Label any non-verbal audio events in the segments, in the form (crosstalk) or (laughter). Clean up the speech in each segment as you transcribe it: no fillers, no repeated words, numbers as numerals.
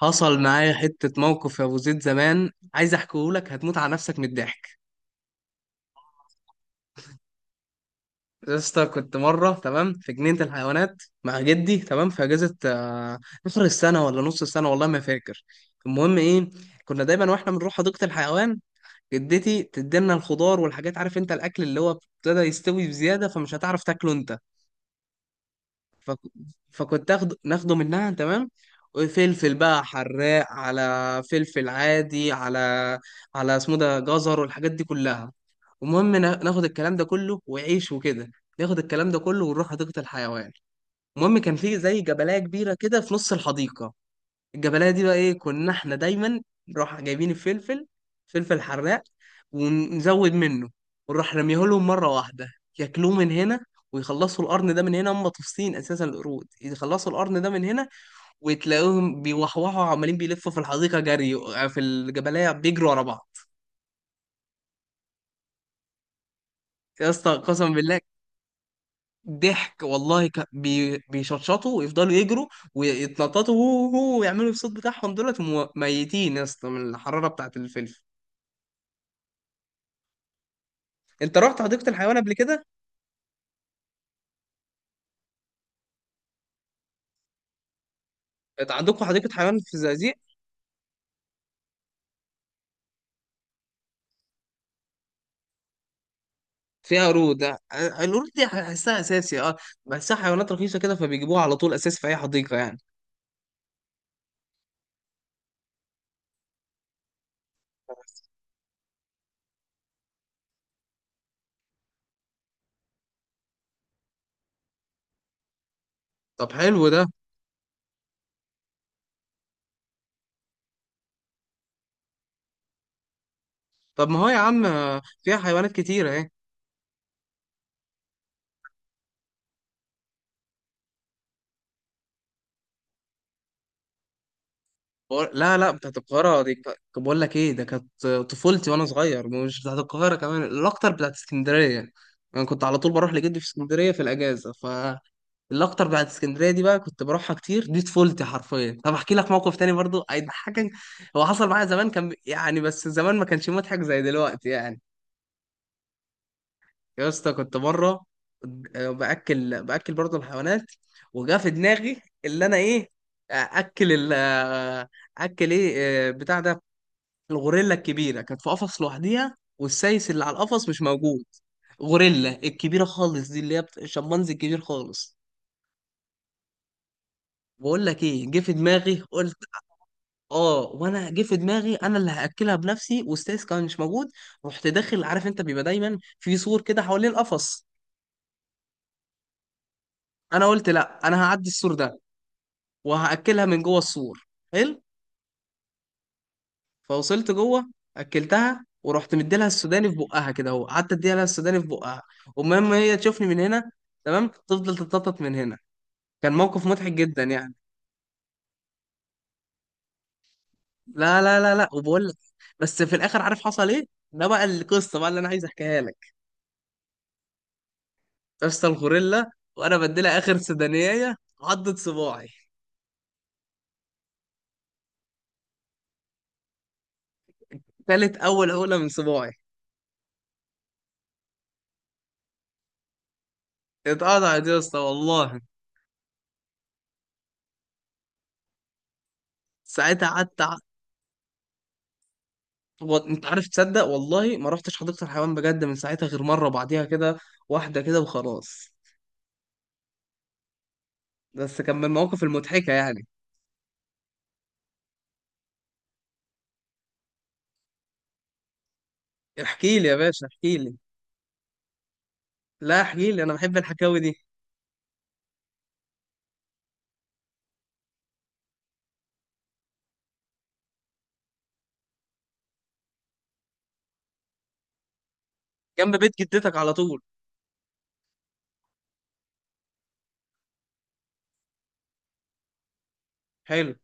حصل معايا حتة موقف يا أبو زيد زمان، عايز أحكيهولك هتموت على نفسك من الضحك. يا اسطى كنت مرة تمام في جنينة الحيوانات مع جدي تمام في أجازة، آخر السنة ولا نص السنة والله ما فاكر. المهم إيه، كنا دايما وإحنا بنروح حديقة الحيوان جدتي تدينا الخضار والحاجات، عارف أنت، الأكل اللي هو ابتدى يستوي بزيادة فمش هتعرف تاكله أنت. فك... فكنت ناخده منها تمام. وفلفل بقى حراق على فلفل عادي على اسمه ده جزر والحاجات دي كلها. المهم ناخد الكلام ده كله وعيش وكده. ناخد الكلام ده كله ونروح حديقة الحيوان. المهم كان في زي جبلية كبيرة كده في نص الحديقة. الجبلايه دي بقى ايه، كنا احنا دايما نروح جايبين الفلفل، فلفل حراق، ونزود منه، ونروح رميه لهم مره واحده، ياكلوه من هنا، ويخلصوا القرن ده من هنا، هم طفسين اساسا القرود، يخلصوا القرن ده من هنا، وتلاقوهم بيوحوحوا عمالين بيلفوا في الحديقه جري في الجبلايه بيجروا ورا بعض. يا اسطى قسما بالله. ضحك والله، بيشطشطوا ويفضلوا يجروا ويتنططوا هو هو ويعملوا الصوت بتاعهم دولت، وميتين يا اسطى من الحراره بتاعت الفلفل. انت رحت حديقه الحيوان قبل كده؟ انت عندكم حديقه حيوان في الزقازيق؟ فيها قرود اه، القرود دي بحسها اساسي اه. بحسها حيوانات رخيصه كده فبيجيبوها على طول اساسي في اي حديقه يعني. طب حلو ده. طب ما هو يا عم فيها حيوانات كتيره اهي. لا لا بتاعت القاهره دي، طب بقول لك ايه، ده كانت طفولتي وانا صغير، مش بتاعت القاهره، كمان الاكتر بتاعت اسكندريه. انا كنت على طول بروح لجدي في اسكندريه في الاجازه، ف الاكتر بعد اسكندريه دي بقى كنت بروحها كتير، دي طفولتي حرفيا. طب احكي لك موقف تاني برضو هيضحكك. هو حصل معايا زمان، كان يعني بس زمان ما كانش مضحك زي دلوقتي يعني. يا اسطى كنت بره، باكل برضو الحيوانات. وجا في دماغي اللي انا ايه، اكل ال اكل ايه بتاع ده. الغوريلا الكبيره كانت في قفص لوحديها والسايس اللي على القفص مش موجود. غوريلا الكبيره خالص دي اللي هي الشمبانزي الكبير خالص. بقول لك ايه، جه في دماغي، قلت اه، وانا جه في دماغي انا اللي هاكلها بنفسي، واستاذ كان مش موجود. رحت داخل، عارف انت بيبقى دايما في سور كده حوالين القفص. انا قلت لا انا هعدي السور ده، وهاكلها من جوه السور، حلو. فوصلت جوه، اكلتها، ورحت مديلها السوداني في بقها كده اهو، قعدت اديها لها السوداني في بقها. ومهم هي تشوفني من هنا تمام، تفضل تتنطط من هنا. كان موقف مضحك جدا يعني. لا لا لا لا، وبقول لك، بس في الاخر عارف حصل ايه؟ ده بقى القصه بقى اللي انا عايز احكيها لك. اسطى الغوريلا، وانا بديلها اخر سدانية، عضت صباعي. كانت اول عقلة من صباعي. اتقطعت يا اسطى والله. ساعتها قعدت انت عارف، تصدق والله ما رحتش حديقة الحيوان بجد من ساعتها غير مرة بعديها كده، واحدة كده وخلاص. بس كان من المواقف المضحكة يعني. احكي لي يا باشا احكي لي. لا احكي لي، انا بحب الحكاوي دي. جنب بيت جدتك على طول. حلو.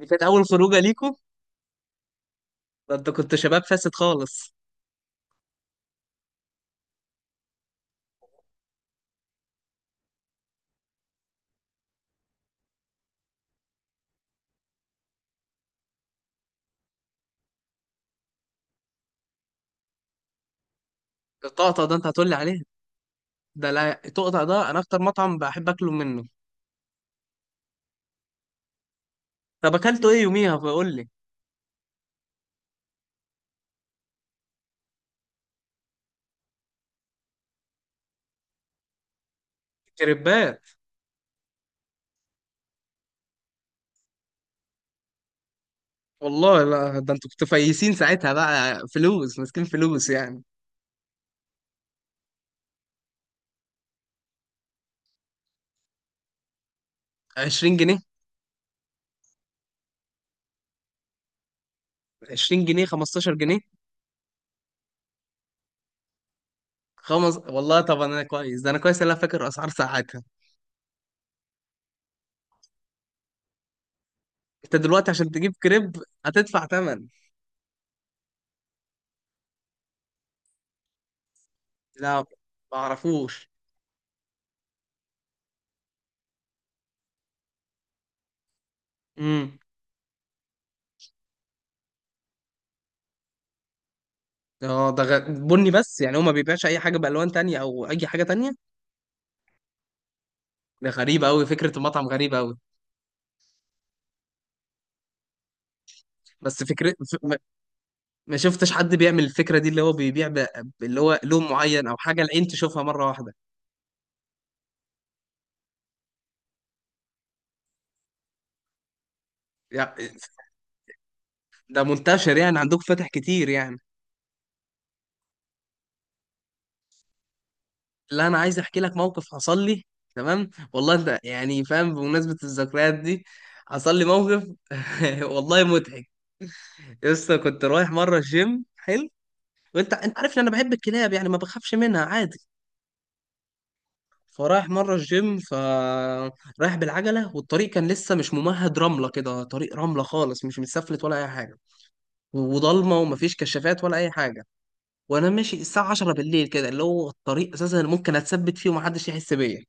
دي كانت اول خروجة ليكم؟ ده انت كنت شباب فاسد خالص. الطقطقة ده انت هتقول لي عليها. ده لا تقطع، ده انا اكتر مطعم بحب اكله منه. طب اكلته ايه يوميها فقول لي. كريبات. والله لا، ده انتوا كنتوا فايسين ساعتها بقى، فلوس ماسكين فلوس يعني. 20 جنيه. 20 جنيه، 15 جنيه، خمس والله. طب انا كويس ده، انا كويس إن انا فاكر اسعار ساعتها. انت دلوقتي عشان تجيب كريب هتدفع ثمن. لا، ما اعرفوش. امم، اه. بني بس، يعني هو ما بيبيعش اي حاجه بالوان تانية او اي حاجه تانية. ده غريبه قوي فكره المطعم، غريبه قوي. بس فكرة، ما شفتش حد بيعمل الفكرة دي اللي هو اللي هو لون معين أو حاجة العين تشوفها مرة واحدة. يعني ده منتشر يعني، عندك فاتح كتير يعني. لا أنا عايز أحكي لك موقف حصل لي، تمام والله، أنت يعني فاهم بمناسبة الذكريات دي. حصل لي موقف (laughs) والله مضحك. لسه كنت رايح مرة الجيم، حلو. وأنت عارف إن أنا بحب الكلاب، يعني ما بخافش منها عادي. فرايح مرة الجيم، ف رايح بالعجلة، والطريق كان لسه مش ممهد، رملة كده، طريق رملة خالص مش متسفلت ولا أي حاجة. وضلمه ومفيش كشافات ولا اي حاجه. وانا ماشي الساعه 10 بالليل كده، اللي هو الطريق اساسا اللي ممكن اتثبت فيه ومحدش يحس بيا.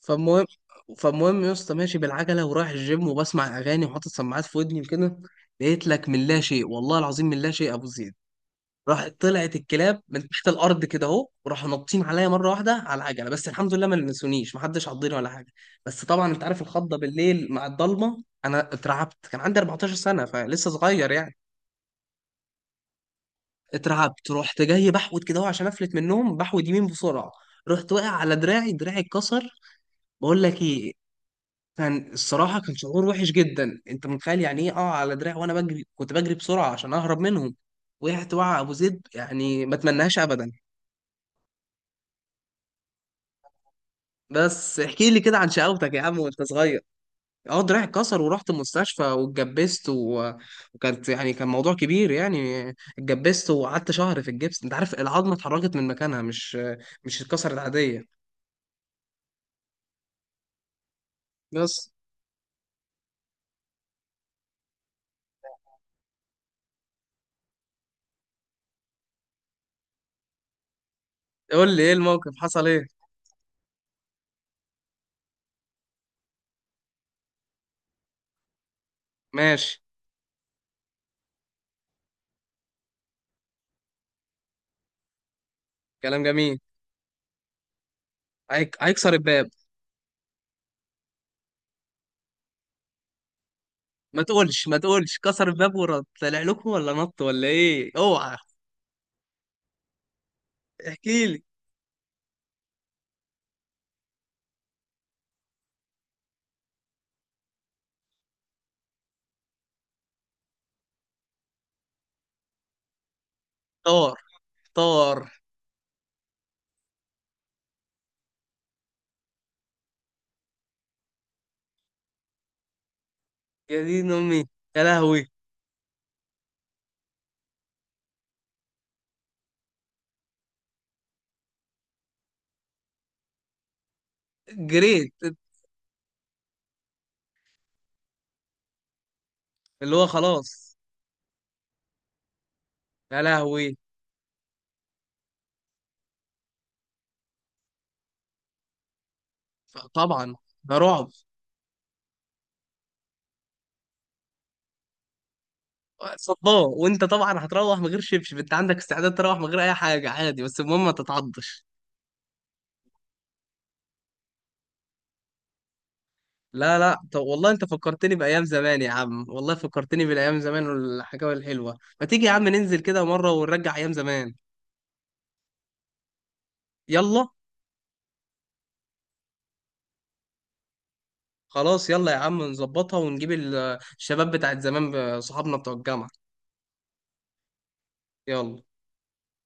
فالمهم فالمهم يا اسطى ماشي بالعجله ورايح الجيم وبسمع اغاني وحاطط سماعات في ودني وكده. لقيت لك من لا شيء، والله العظيم من لا شيء ابو زيد، راح طلعت الكلاب من تحت الارض كده اهو وراحوا نطين عليا مره واحده على العجله، بس الحمد لله ما لمسونيش، محدش عضني ولا حاجه. بس طبعا انت عارف الخضه بالليل مع الضلمه، انا اترعبت، كان عندي 14 سنه فلسه صغير يعني. اترعبت، رحت جاي بحود كده أهو عشان افلت من النوم، بحود يمين بسرعه. رحت واقع على دراعي، دراعي اتكسر. بقول لك ايه، كان الصراحه كان شعور وحش جدا، انت متخيل يعني ايه اه على دراعي وانا بجري، كنت بجري بسرعه عشان اهرب منهم. وقعت وقع ابو زيد يعني، ما اتمناهاش ابدا. بس احكي لي كده عن شقاوتك يا عم وانت صغير. اه دراعي اتكسر ورحت المستشفى واتجبست، وكانت يعني كان موضوع كبير يعني. اتجبست وقعدت شهر في الجبس، انت عارف العظمه اتحركت من مكانها، مش اتكسرت عاديه. بس قول لي ايه الموقف، حصل ايه؟ ماشي. كلام جميل. هيك هيكسر الباب. ما تقولش ما تقولش، كسر الباب ورد طلع لكم ولا نط ولا ايه؟ اوعى. احكي لي. طار طار. يا دين امي. يا لهوي. جريت. اللي هو خلاص. يا لهوي. طبعا، ده رعب. صدام، وانت طبعا هتروح من غير شبشب، انت عندك استعداد تروح من غير اي حاجه عادي بس المهم ما تتعضش. لا لا، طب والله انت فكرتني بايام زمان يا عم، والله فكرتني بالايام زمان والحكاوي الحلوه، ما تيجي يا عم ننزل كده مره ونرجع ايام زمان؟ يلا. خلاص يلا يا عم نظبطها ونجيب الشباب بتاعت زمان، صحابنا بتوع الجامعه. يلا.